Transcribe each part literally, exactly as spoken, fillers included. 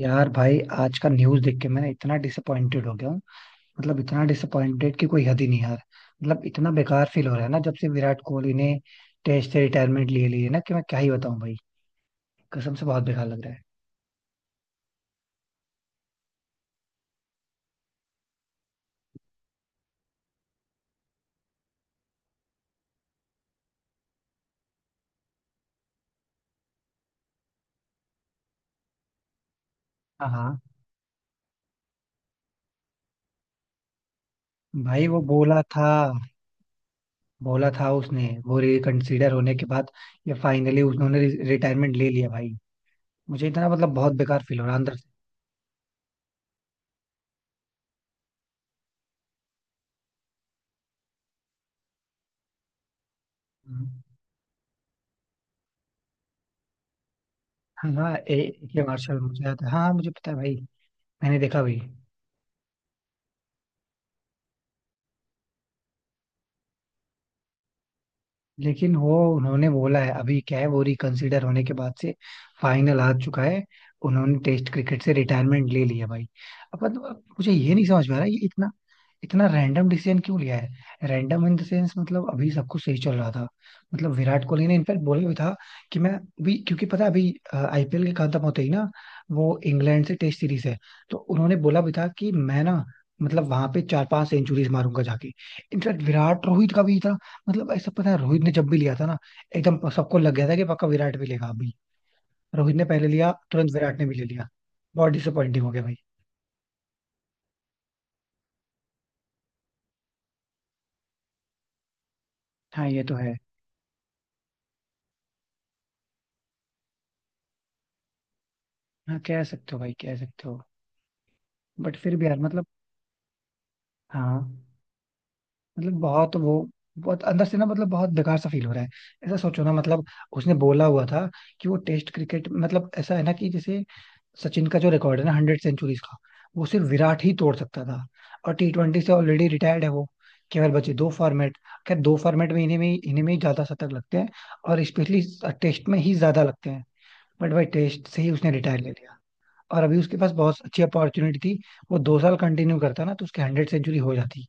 यार भाई, आज का न्यूज देख के मैं ना इतना डिसअपॉइंटेड हो गया हूँ। मतलब इतना डिसअपॉइंटेड कि कोई हद ही नहीं यार। मतलब इतना बेकार फील हो रहा है ना जब से विराट कोहली ने टेस्ट से रिटायरमेंट ले ली है ना कि मैं क्या ही बताऊं भाई। कसम से बहुत बेकार लग रहा है। हाँ, हाँ। भाई वो बोला था, बोला था उसने वो रिकंसीडर होने के बाद। ये फाइनली उन्होंने रिटायरमेंट ले लिया भाई। मुझे इतना मतलब बहुत बेकार फील हो रहा है अंदर से। हम्म। हाँ, हाँ, ए के मार्शल मुझे याद है, हाँ, मुझे पता है भाई। मैंने देखा भी। लेकिन वो उन्होंने बोला है अभी क्या है, वो रिकंसिडर होने के बाद से फाइनल हार चुका है। उन्होंने टेस्ट क्रिकेट से रिटायरमेंट ले लिया भाई। अब अब अब मुझे ये नहीं समझ में आ रहा है, ये इतना इतना रैंडम डिसीजन क्यों लिया है। रैंडम इन द सेंस मतलब अभी सब कुछ सही चल रहा था। मतलब विराट कोहली ने इनफैक्ट बोला भी था कि मैं अभी, क्योंकि पता है अभी आईपीएल के खत्म होते ही ना वो इंग्लैंड से टेस्ट सीरीज है, तो उन्होंने बोला भी था कि मैं ना मतलब वहां पे चार पांच सेंचुरीज मारूंगा जाके। इनफैक्ट विराट, रोहित का भी मतलब ऐसा पता है, रोहित ने जब भी लिया था ना एकदम सबको लग गया था कि पक्का विराट भी लेगा अभी। रोहित ने पहले लिया, तुरंत विराट ने भी ले लिया। बहुत डिसअपॉइंटिंग हो गया भाई। हाँ, ये तो है। हाँ, कह सकते हो भाई, कह सकते हो। बट फिर भी यार मतलब। हाँ, मतलब बहुत वो, बहुत अंदर से ना मतलब बहुत बेकार सा फील हो रहा है। ऐसा सोचो ना मतलब। उसने बोला हुआ था कि वो टेस्ट क्रिकेट मतलब ऐसा है ना कि जैसे सचिन का जो रिकॉर्ड है ना हंड्रेड सेंचुरीज का, वो सिर्फ विराट ही तोड़ सकता था। और टी ट्वेंटी से ऑलरेडी रिटायर्ड है वो, केवल बचे दो फॉर्मेट। खैर, दो फॉर्मेट में इन्हें में इन्हें में ही ज्यादा शतक लगते हैं, और स्पेशली टेस्ट में ही ज्यादा लगते हैं। बट भाई टेस्ट से ही उसने रिटायर ले लिया। और अभी उसके पास बहुत अच्छी अपॉर्चुनिटी थी। वो दो साल कंटिन्यू करता ना तो उसकी हंड्रेड सेंचुरी हो जाती।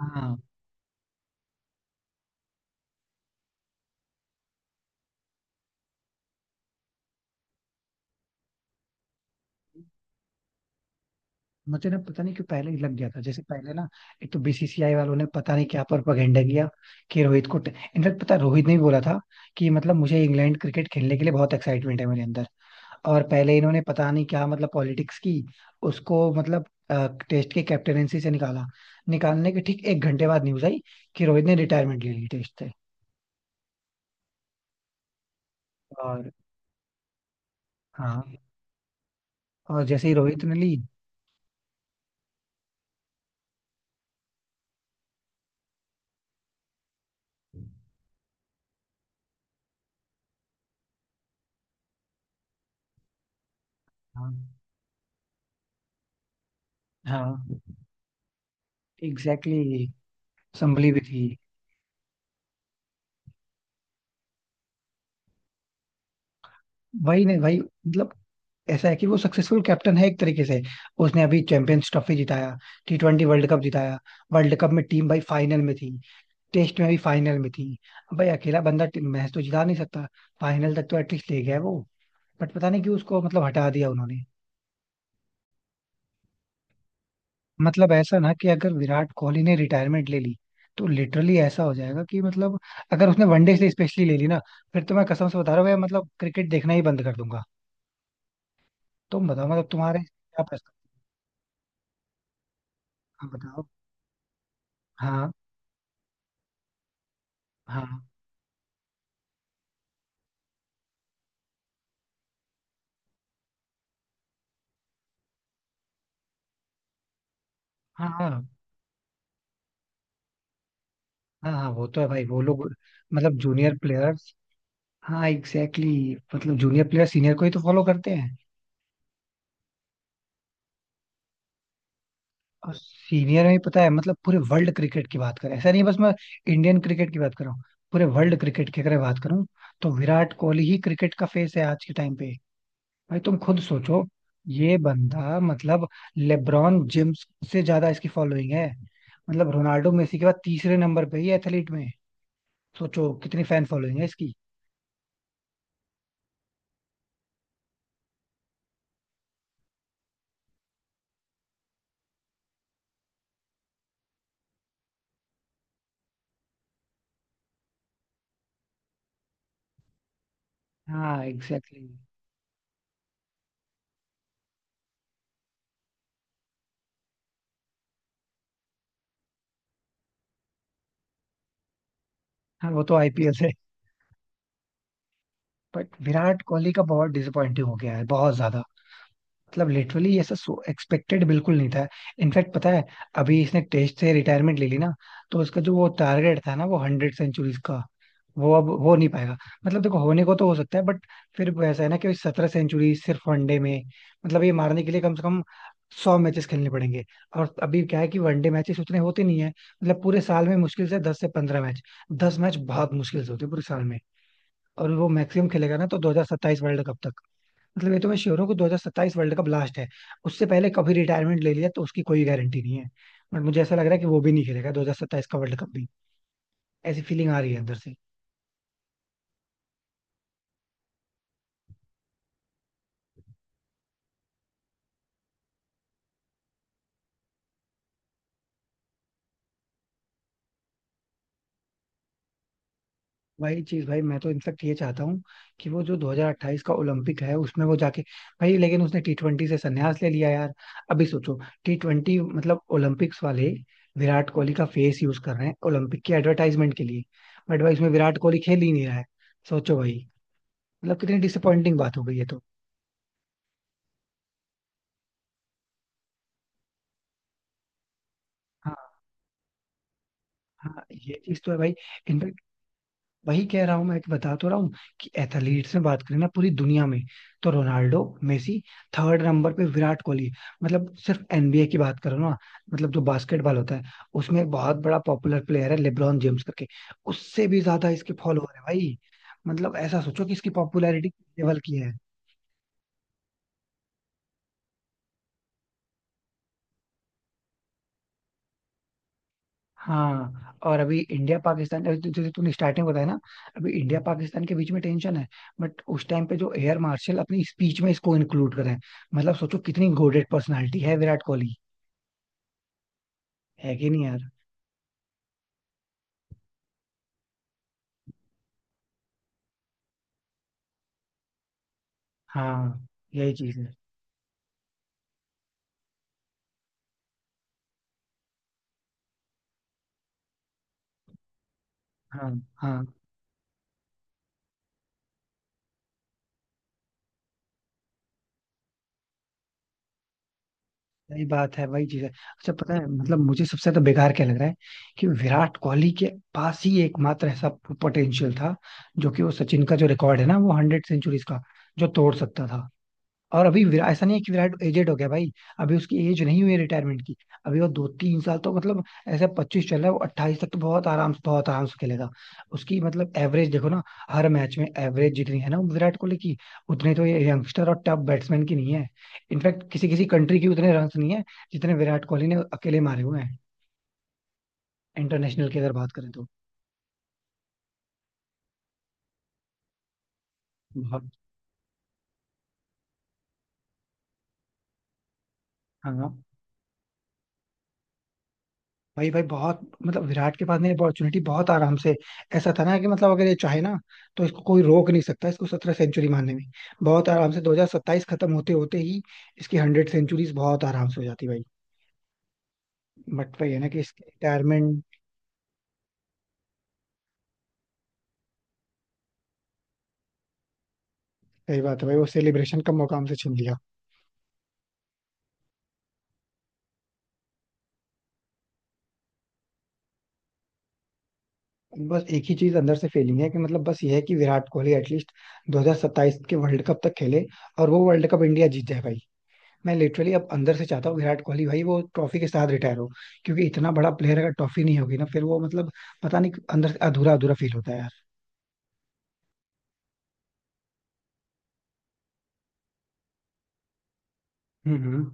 हाँ, मुझे ना पता नहीं क्यों पहले ही लग गया था, जैसे पहले ना एक तो बीसीसीआई वालों ने पता नहीं क्या प्रोपेगेंडा किया कि रोहित को, इनफैक्ट पता है, रोहित ने ही बोला था कि मतलब मुझे इंग्लैंड क्रिकेट खेलने के लिए बहुत एक्साइटमेंट है मेरे अंदर, और पहले इन्होंने पता नहीं क्या मतलब पॉलिटिक्स की, उसको मतलब टेस्ट के कैप्टनसी से निकाला। निकालने के ठीक एक घंटे बाद न्यूज आई कि रोहित ने रिटायरमेंट ले ली टेस्ट से। और हाँ, और जैसे ही रोहित ने ली। हाँ, हाँ, एग्जैक्टली। संभली भी थी। वही नहीं भाई, मतलब ऐसा है कि वो सक्सेसफुल कैप्टन है एक तरीके से। उसने अभी चैंपियंस ट्रॉफी जिताया, टी ट्वेंटी वर्ल्ड कप जिताया। वर्ल्ड कप में टीम भाई फाइनल में थी, टेस्ट में भी फाइनल में थी। अब भाई अकेला बंदा टी- मैच तो जिता नहीं सकता, फाइनल तक तो एटलीस्ट ले गया है वो। बट पता नहीं क्यों उसको मतलब हटा दिया उन्होंने। मतलब ऐसा ना कि अगर विराट कोहली ने रिटायरमेंट ले ली, तो लिटरली ऐसा हो जाएगा कि मतलब अगर उसने वनडे से स्पेशली ले ली ना, फिर तो मैं कसम से बता रहा हूँ भाई, मतलब क्रिकेट देखना ही बंद कर दूंगा। तुम बताओ, मतलब तुम्हारे क्या पर्सपेक्टिव। बताओ। हाँ, हाँ, हाँ, हाँ, हाँ, हाँ, वो तो है भाई, वो लोग। मतलब जूनियर प्लेयर्स। हाँ, एग्जैक्टली exactly, मतलब जूनियर प्लेयर सीनियर को ही तो फॉलो करते हैं। और सीनियर में पता है, मतलब पूरे वर्ल्ड क्रिकेट की बात करें, ऐसा नहीं बस मैं इंडियन क्रिकेट की बात कर रहा हूँ। पूरे वर्ल्ड क्रिकेट की अगर बात करूँ तो विराट कोहली ही क्रिकेट का फेस है आज के टाइम पे। भाई तुम खुद सोचो। ये बंदा मतलब लेब्रॉन जेम्स से ज्यादा इसकी फॉलोइंग है। मतलब रोनाल्डो मेसी के बाद तीसरे नंबर पे ही एथलीट में। सोचो कितनी फैन फॉलोइंग है इसकी। हाँ, एग्जैक्टली exactly। हाँ, वो तो आईपीएल है। बट विराट कोहली का बहुत डिसअपॉइंटिंग हो गया है, बहुत ज्यादा। मतलब लिटरली ऐसा सो एक्सपेक्टेड बिल्कुल नहीं था। इनफैक्ट पता है, अभी इसने टेस्ट से रिटायरमेंट ले ली ना, तो उसका जो वो टारगेट था ना, वो हंड्रेड सेंचुरीज का, वो अब हो नहीं पाएगा। मतलब देखो, होने को तो हो सकता है बट फिर वो ऐसा है ना कि सत्रह सेंचुरी सिर्फ वनडे में, मतलब ये मारने के लिए कम से कम सौ मैचेस खेलने पड़ेंगे। और अभी क्या है कि वनडे मैचेस उतने होते नहीं है, मतलब पूरे साल में मुश्किल से दस से पंद्रह मैच, दस मैच बहुत मुश्किल से होते हैं पूरे साल में। और वो मैक्सिमम खेलेगा ना तो दो हजार सत्ताईस वर्ल्ड कप तक। मतलब ये तो मैं श्योर हूँ कि दो हज़ार सत्ताईस वर्ल्ड कप लास्ट है। उससे पहले कभी रिटायरमेंट ले लिया तो उसकी कोई गारंटी नहीं है। बट मुझे ऐसा लग रहा है कि वो भी नहीं खेलेगा दो हज़ार सत्ताईस का वर्ल्ड कप भी। ऐसी फीलिंग आ रही है अंदर से। वही चीज भाई, मैं तो इनफेक्ट ये चाहता हूँ कि वो जो दो हज़ार अट्ठाईस का ओलंपिक है उसमें वो जाके, भाई लेकिन उसने टी ट्वेंटी से संन्यास ले लिया यार। अभी सोचो, टी ट्वेंटी मतलब ओलंपिक्स वाले, विराट कोहली का फेस यूज कर रहे हैं ओलंपिक की एडवर्टाइजमेंट के लिए, बट भाई उसमें विराट कोहली खेल ही नहीं रहा है। सोचो भाई, मतलब कितनी डिसअपॉइंटिंग बात हो गई है। तो। हाँ, ये चीज तो है भाई। इनफैक्ट वही कह रहा हूं मैं, कि बता तो रहा हूँ कि एथलीट्स में बात करें ना पूरी दुनिया में, तो रोनाल्डो मेसी, थर्ड नंबर पे विराट कोहली। मतलब सिर्फ एनबीए की बात करो ना, मतलब जो बास्केटबॉल होता है, उसमें एक बहुत बड़ा पॉपुलर प्लेयर है लेब्रॉन जेम्स करके, उससे भी ज्यादा इसके फॉलोअर है भाई। मतलब ऐसा सोचो कि इसकी पॉपुलैरिटी लेवल की है। हाँ, और अभी इंडिया पाकिस्तान जैसे तूने स्टार्टिंग बताया ना, अभी इंडिया पाकिस्तान के बीच में टेंशन है, बट उस टाइम पे जो एयर मार्शल अपनी स्पीच में इसको इंक्लूड करें, मतलब सोचो कितनी गोडेड पर्सनालिटी है विराट कोहली। है कि नहीं यार? हाँ, यही चीज है। हाँ, हाँ, सही बात है, वही चीज है। अच्छा पता है मतलब मुझे सबसे तो बेकार क्या लग रहा है कि विराट कोहली के पास ही एकमात्र ऐसा पोटेंशियल था जो कि वो सचिन का जो रिकॉर्ड है ना, वो हंड्रेड सेंचुरीज का, जो तोड़ सकता था। और अभी विराट ऐसा नहीं है कि विराट एजेड हो गया भाई, अभी उसकी एज नहीं हुई है रिटायरमेंट की। अभी वो दो तीन साल तो मतलब ऐसे पच्चीस चल रहा है वो, अट्ठाईस तक तो बहुत आराम से, बहुत आराम से खेलेगा। उसकी मतलब एवरेज देखो ना, हर मैच में एवरेज जितनी है ना विराट कोहली की, उतने तो ये यंगस्टर और टॉप बैट्समैन की नहीं है। इनफैक्ट किसी किसी कंट्री की उतने रन नहीं है जितने विराट कोहली ने अकेले मारे हुए हैं, इंटरनेशनल की अगर बात करें तो। बहुत। हाँ भाई, भाई बहुत मतलब, विराट के पास नहीं अपॉर्चुनिटी, बहुत आराम से ऐसा था ना कि मतलब अगर ये चाहे ना, तो इसको कोई रोक नहीं सकता इसको सत्रह सेंचुरी मारने में। बहुत आराम से दो हज़ार सत्ताईस खत्म होते होते ही इसकी हंड्रेड सेंचुरीज बहुत आराम से हो जाती भाई। बट भाई है ना कि इसकी रिटायरमेंट। सही बात है भाई, वो सेलिब्रेशन का मौका हमसे छीन लिया। बस एक ही चीज अंदर से फीलिंग है कि मतलब बस ये है कि विराट कोहली एटलीस्ट दो हज़ार सत्ताईस के वर्ल्ड कप तक खेले, और वो वर्ल्ड कप इंडिया जीत जाए भाई। मैं लिटरली अब अंदर से चाहता हूँ विराट कोहली भाई वो ट्रॉफी के साथ रिटायर हो, क्योंकि इतना बड़ा प्लेयर, अगर ट्रॉफी नहीं होगी ना फिर वो मतलब, पता नहीं अंदर से अधूरा अधूरा फील होता है यार। हम्म, हम्म।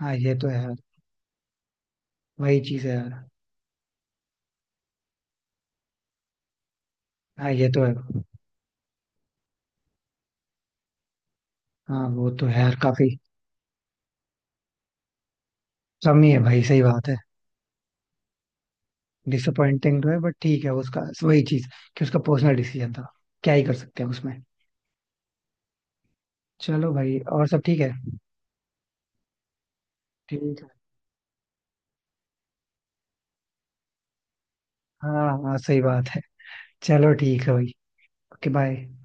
हाँ, ये तो है यार, वही चीज है यार। हाँ, ये तो है। हाँ, वो तो है यार काफी। कमी है भाई, सही बात है। डिसअपॉइंटिंग तो है बट ठीक है उसका। वही चीज कि उसका पर्सनल डिसीजन था। क्या ही कर सकते हैं उसमें। चलो भाई, और सब ठीक है। ठीक है। हाँ, हाँ, सही बात है। चलो ठीक है भाई। Okay, bye.